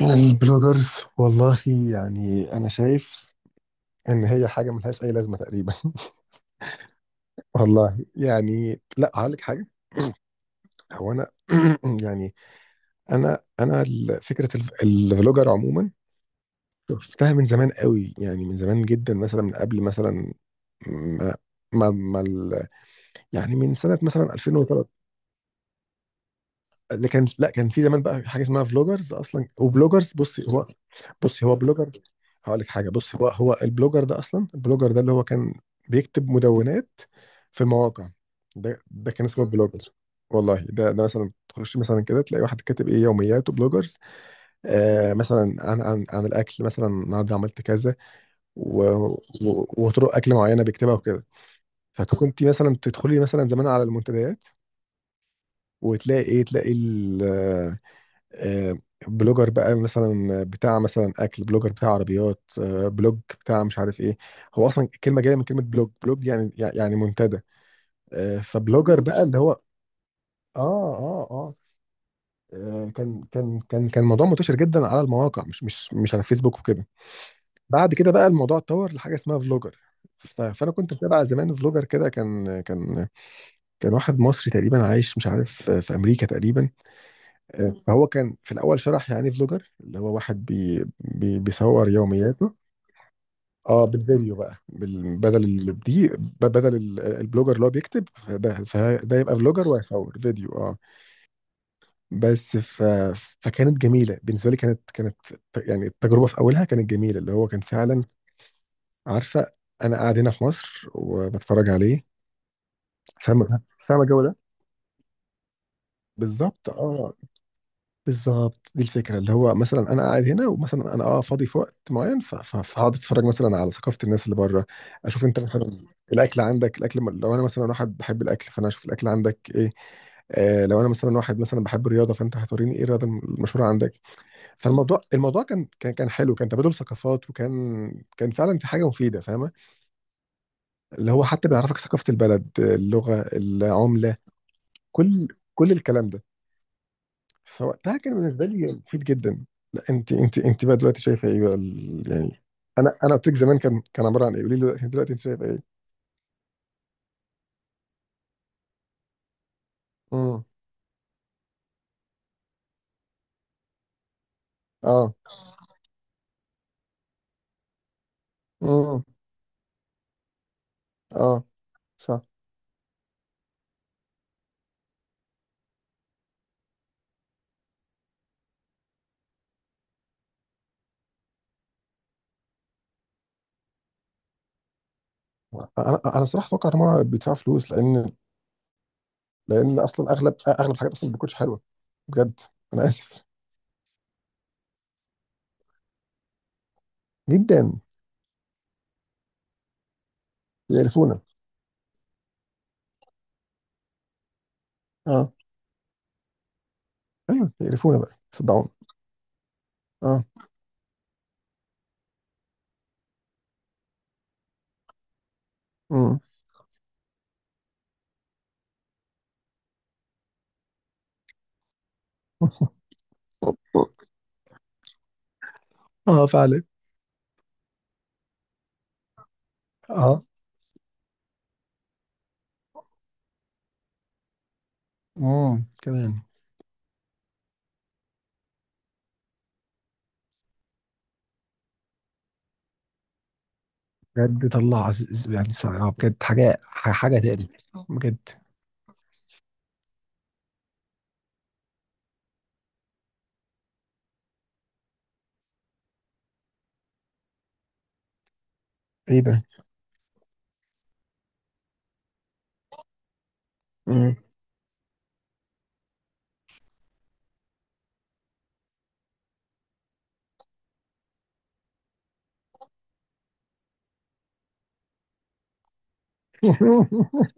البلوجرز والله، يعني انا شايف ان هي حاجه ملهاش اي لازمه تقريبا. والله يعني، لا هقول لك حاجه. هو انا يعني، انا الفلوجر عموما شفتها من زمان قوي، يعني من زمان جدا، مثلا من قبل مثلا ما ما, ما ال- يعني من سنه مثلا 2003. اللي كان، لا كان في زمان بقى حاجه اسمها فلوجرز اصلا، وبلوجرز. بصي هو، بلوجر. هقول لك حاجه، بصي هو البلوجر ده اصلا، البلوجر ده اللي هو كان بيكتب مدونات في المواقع. ده كان اسمه بلوجر. والله ده مثلا تخش مثلا كده تلاقي واحد كاتب ايه؟ يومياته، بلوجرز. آه، مثلا عن الاكل، مثلا النهارده عملت كذا و- وطرق اكل معينه بيكتبها وكده. فكنت مثلا تدخلي مثلا زمان على المنتديات وتلاقي ايه؟ تلاقي آه، بلوجر بقى مثلا بتاع مثلا اكل، بلوجر بتاع عربيات، بلوج بتاع مش عارف ايه. هو اصلا الكلمه جايه من كلمه بلوج. بلوج يعني، منتدى. فبلوجر بقى منتشر اللي هو. اه، اه، اه، آه. كان موضوع منتشر جدا على المواقع، مش على الفيسبوك وكده. بعد كده بقى الموضوع اتطور لحاجه اسمها فلوجر. فانا كنت متابع زمان فلوجر كده، كان واحد مصري تقريبا عايش، مش عارف في امريكا تقريبا. فهو كان في الاول شرح يعني ايه فلوجر، اللي هو واحد بي بي بيصور يومياته. اه، بالفيديو بقى، بال- بدل ال- دي ب- بدل ال- البلوجر اللي هو بيكتب، فده يبقى فلوجر ويصور فيديو، اه. بس فكانت جميله بالنسبه لي. كانت، يعني التجربه في اولها كانت جميله، اللي هو كان فعلا، عارفه، انا قاعد هنا في مصر وبتفرج عليه. فاهمه؟ فاهمه الجو ده، بالظبط، اه. بالظبط دي الفكره، اللي هو مثلا انا قاعد هنا، ومثلا انا فاضي في وقت معين، فهقعد اتفرج مثلا على ثقافه الناس اللي بره، اشوف انت مثلا الاكل عندك، الاكل. لو انا مثلا واحد بحب الاكل، فانا اشوف الاكل عندك ايه. آه، لو انا مثلا واحد مثلا بحب الرياضه، فانت هتوريني ايه الرياضه المشهوره عندك. فالموضوع، الموضوع كان حلو، كان تبادل ثقافات، وكان كان فعلا في حاجه مفيده، فاهمه، اللي هو حتى بيعرفك ثقافه البلد، اللغه، العمله، كل كل الكلام ده. فوقتها كان بالنسبه لي مفيد جدا. لا انت، انت بقى دلوقتي شايفه ايه بقى؟ يعني، انا قلت لك زمان كان، كان عباره عن ايه، قولي لي دلوقتي انت شايفه ايه؟ امم. اه. امم. اه. صح. انا صراحه اتوقع ان هو بيدفع فلوس، لان اصلا اغلب الحاجات اصلا ما بتكونش حلوه بجد، انا اسف. جدا. يقرفونا. اه، ايوه يقرفونا بقى، صدعونا. اه. امم. اه فعلا. اه. كمان. بجد طلع يعني صعب بجد، حاجة حاجة تقلب بجد. ايه ده؟ مم.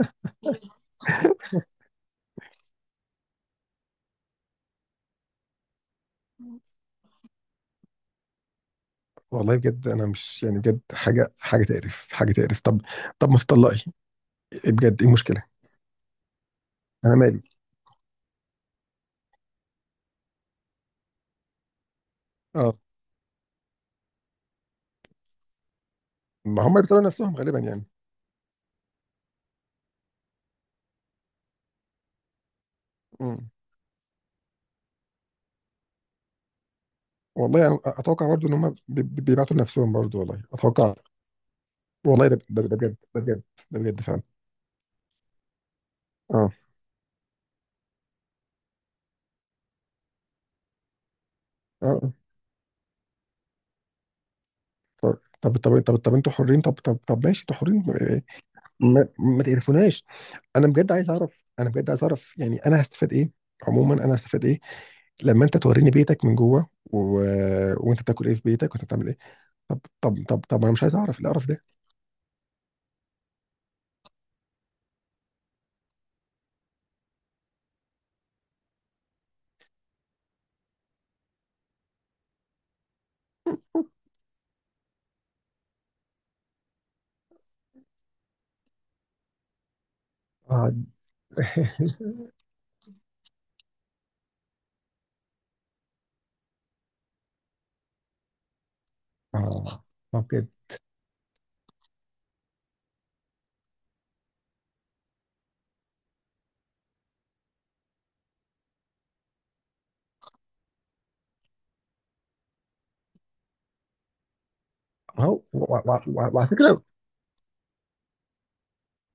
والله بجد انا مش يعني، بجد حاجة حاجة تقرف، حاجة تقرف. طب، طب ما تطلقي، إيه بجد ايه المشكلة؟ انا مالي. اه. ما هم بيسألوا نفسهم غالبا يعني. مم. والله انا اتوقع برضو ان هم بيبعتوا لنفسهم برضو، والله اتوقع. والله ده بجد، ده بجد. ده بجد فعلا. اه. اه. آه. طب طب طب طب انتوا حرين، طب طب طب ماشي، انتوا حرين. ما تقرفوناش. انا بجد عايز اعرف، انا بجد عايز اعرف يعني، انا هستفاد ايه. عموما انا هستفاد ايه لما انت توريني بيتك من جوه، و... وانت بتاكل ايه في بيتك، وانت بتعمل ايه. طب طب طب طب انا مش عايز اعرف القرف ده. اه. اه. ما بجد. ما هو وعلى فكره،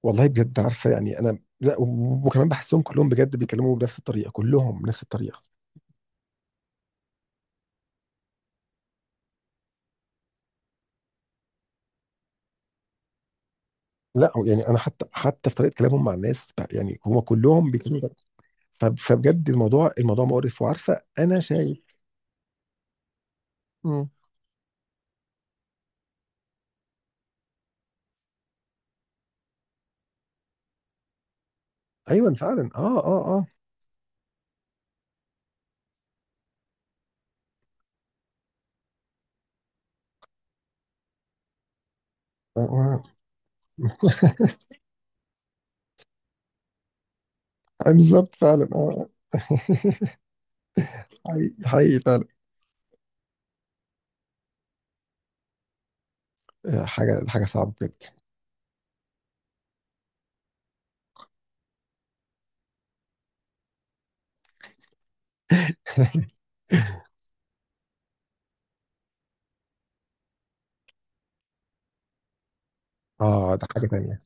والله بجد، عارفه يعني انا، لا، وكمان بحسهم كلهم بجد بيتكلموا بنفس الطريقه، كلهم بنفس الطريقه. لا يعني انا حتى في طريقه كلامهم مع الناس بقى، يعني هم كلهم بيتكلموا. فبجد الموضوع، مقرف. وعارفه انا شايف. مم. ايوه فعلا، اه، اه، اه. آه. آه. بالظبط فعلا، اه. حقيقي حقيقي فعلا. آه، حاجه حاجه صعبه بجد. اه، ده حاجه تانية.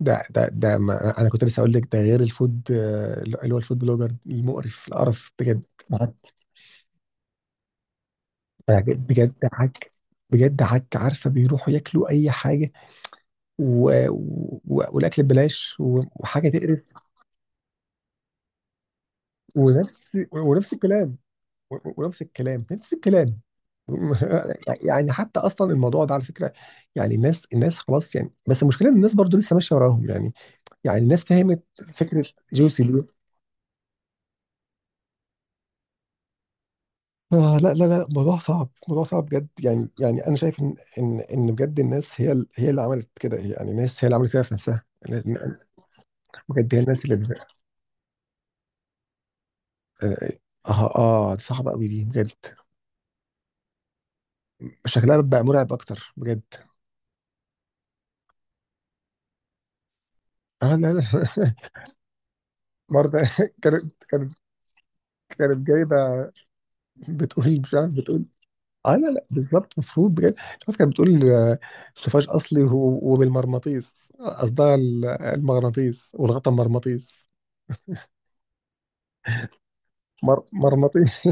ده ما انا كنت لسه اقول لك، ده غير الفود، آه، اللي هو الفود بلوجر المقرف، القرف بجد. عك. بجد عك. بجد عك، عارفه بيروحوا ياكلوا اي حاجه، والاكل ببلاش، وحاجه تقرف. ونفس الكلام، ونفس الكلام، نفس الكلام. يعني حتى اصلا الموضوع ده على فكره، يعني الناس، خلاص، يعني بس المشكله ان الناس برضو لسه ماشيه وراهم، يعني يعني الناس فهمت فكره جوسي ليه. آه، لا لا لا، موضوع صعب، موضوع صعب بجد، يعني انا شايف ان بجد الناس هي اللي عملت كده، يعني الناس هي اللي عملت كده في نفسها. بجد هي الناس اللي. اه. اه. آه، دي صعبه قوي، دي بجد. شكلها بقى مرعب اكتر بجد. اه، لا لا. برضه. كانت جايبه، بتقول مش عارف، بتقول. اه لا لا، بالظبط المفروض بجد. مش عارف كانت بتقول، آه، سوفاج اصلي وبالمغناطيس، قصدها المغناطيس، والغطا مرمطيس. مرمطيس.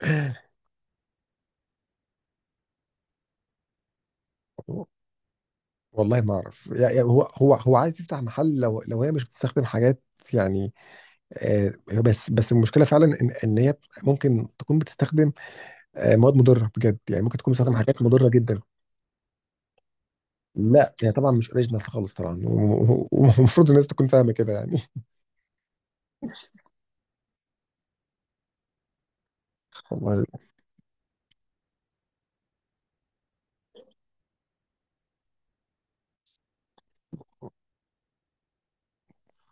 والله ما اعرف، يعني هو هو عايز يفتح محل، لو هي مش بتستخدم حاجات، يعني، آه، بس المشكله فعلا ان هي ممكن تكون بتستخدم، آه، مواد مضره بجد يعني، ممكن تكون بتستخدم حاجات مضره جدا. لا هي طبعا مش اوريجينال خالص طبعا، ومفروض الناس تكون فاهمه كده يعني. والله.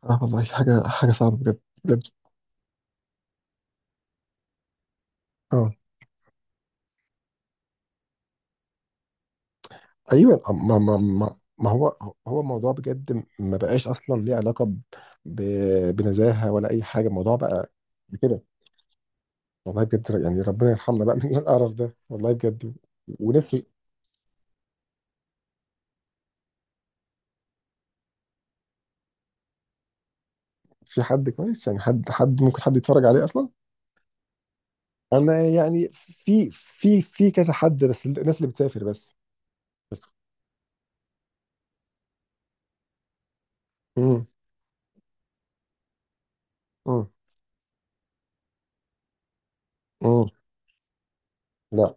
اه والله حاجة حاجة صعبة بجد، بجد. اه. ايوه. آه. ما هو، موضوع بجد، ما بقاش اصلا ليه علاقه بنزاهه ولا اي حاجه، الموضوع بقى كده. والله بجد، يعني ربنا يرحمنا بقى من القرف ده، والله بجد. ونفسي في حد كويس، يعني حد، ممكن حد يتفرج عليه اصلا. انا يعني في كذا حد، بس الناس اللي بتسافر. بس. بس. امم. امم. امم. لا.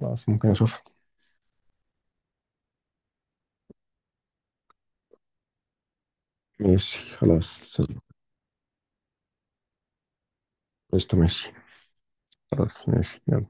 خلاص ممكن اشوفها. ماشي خلاص. قشطة ماشي. خلاص ماشي، يلا.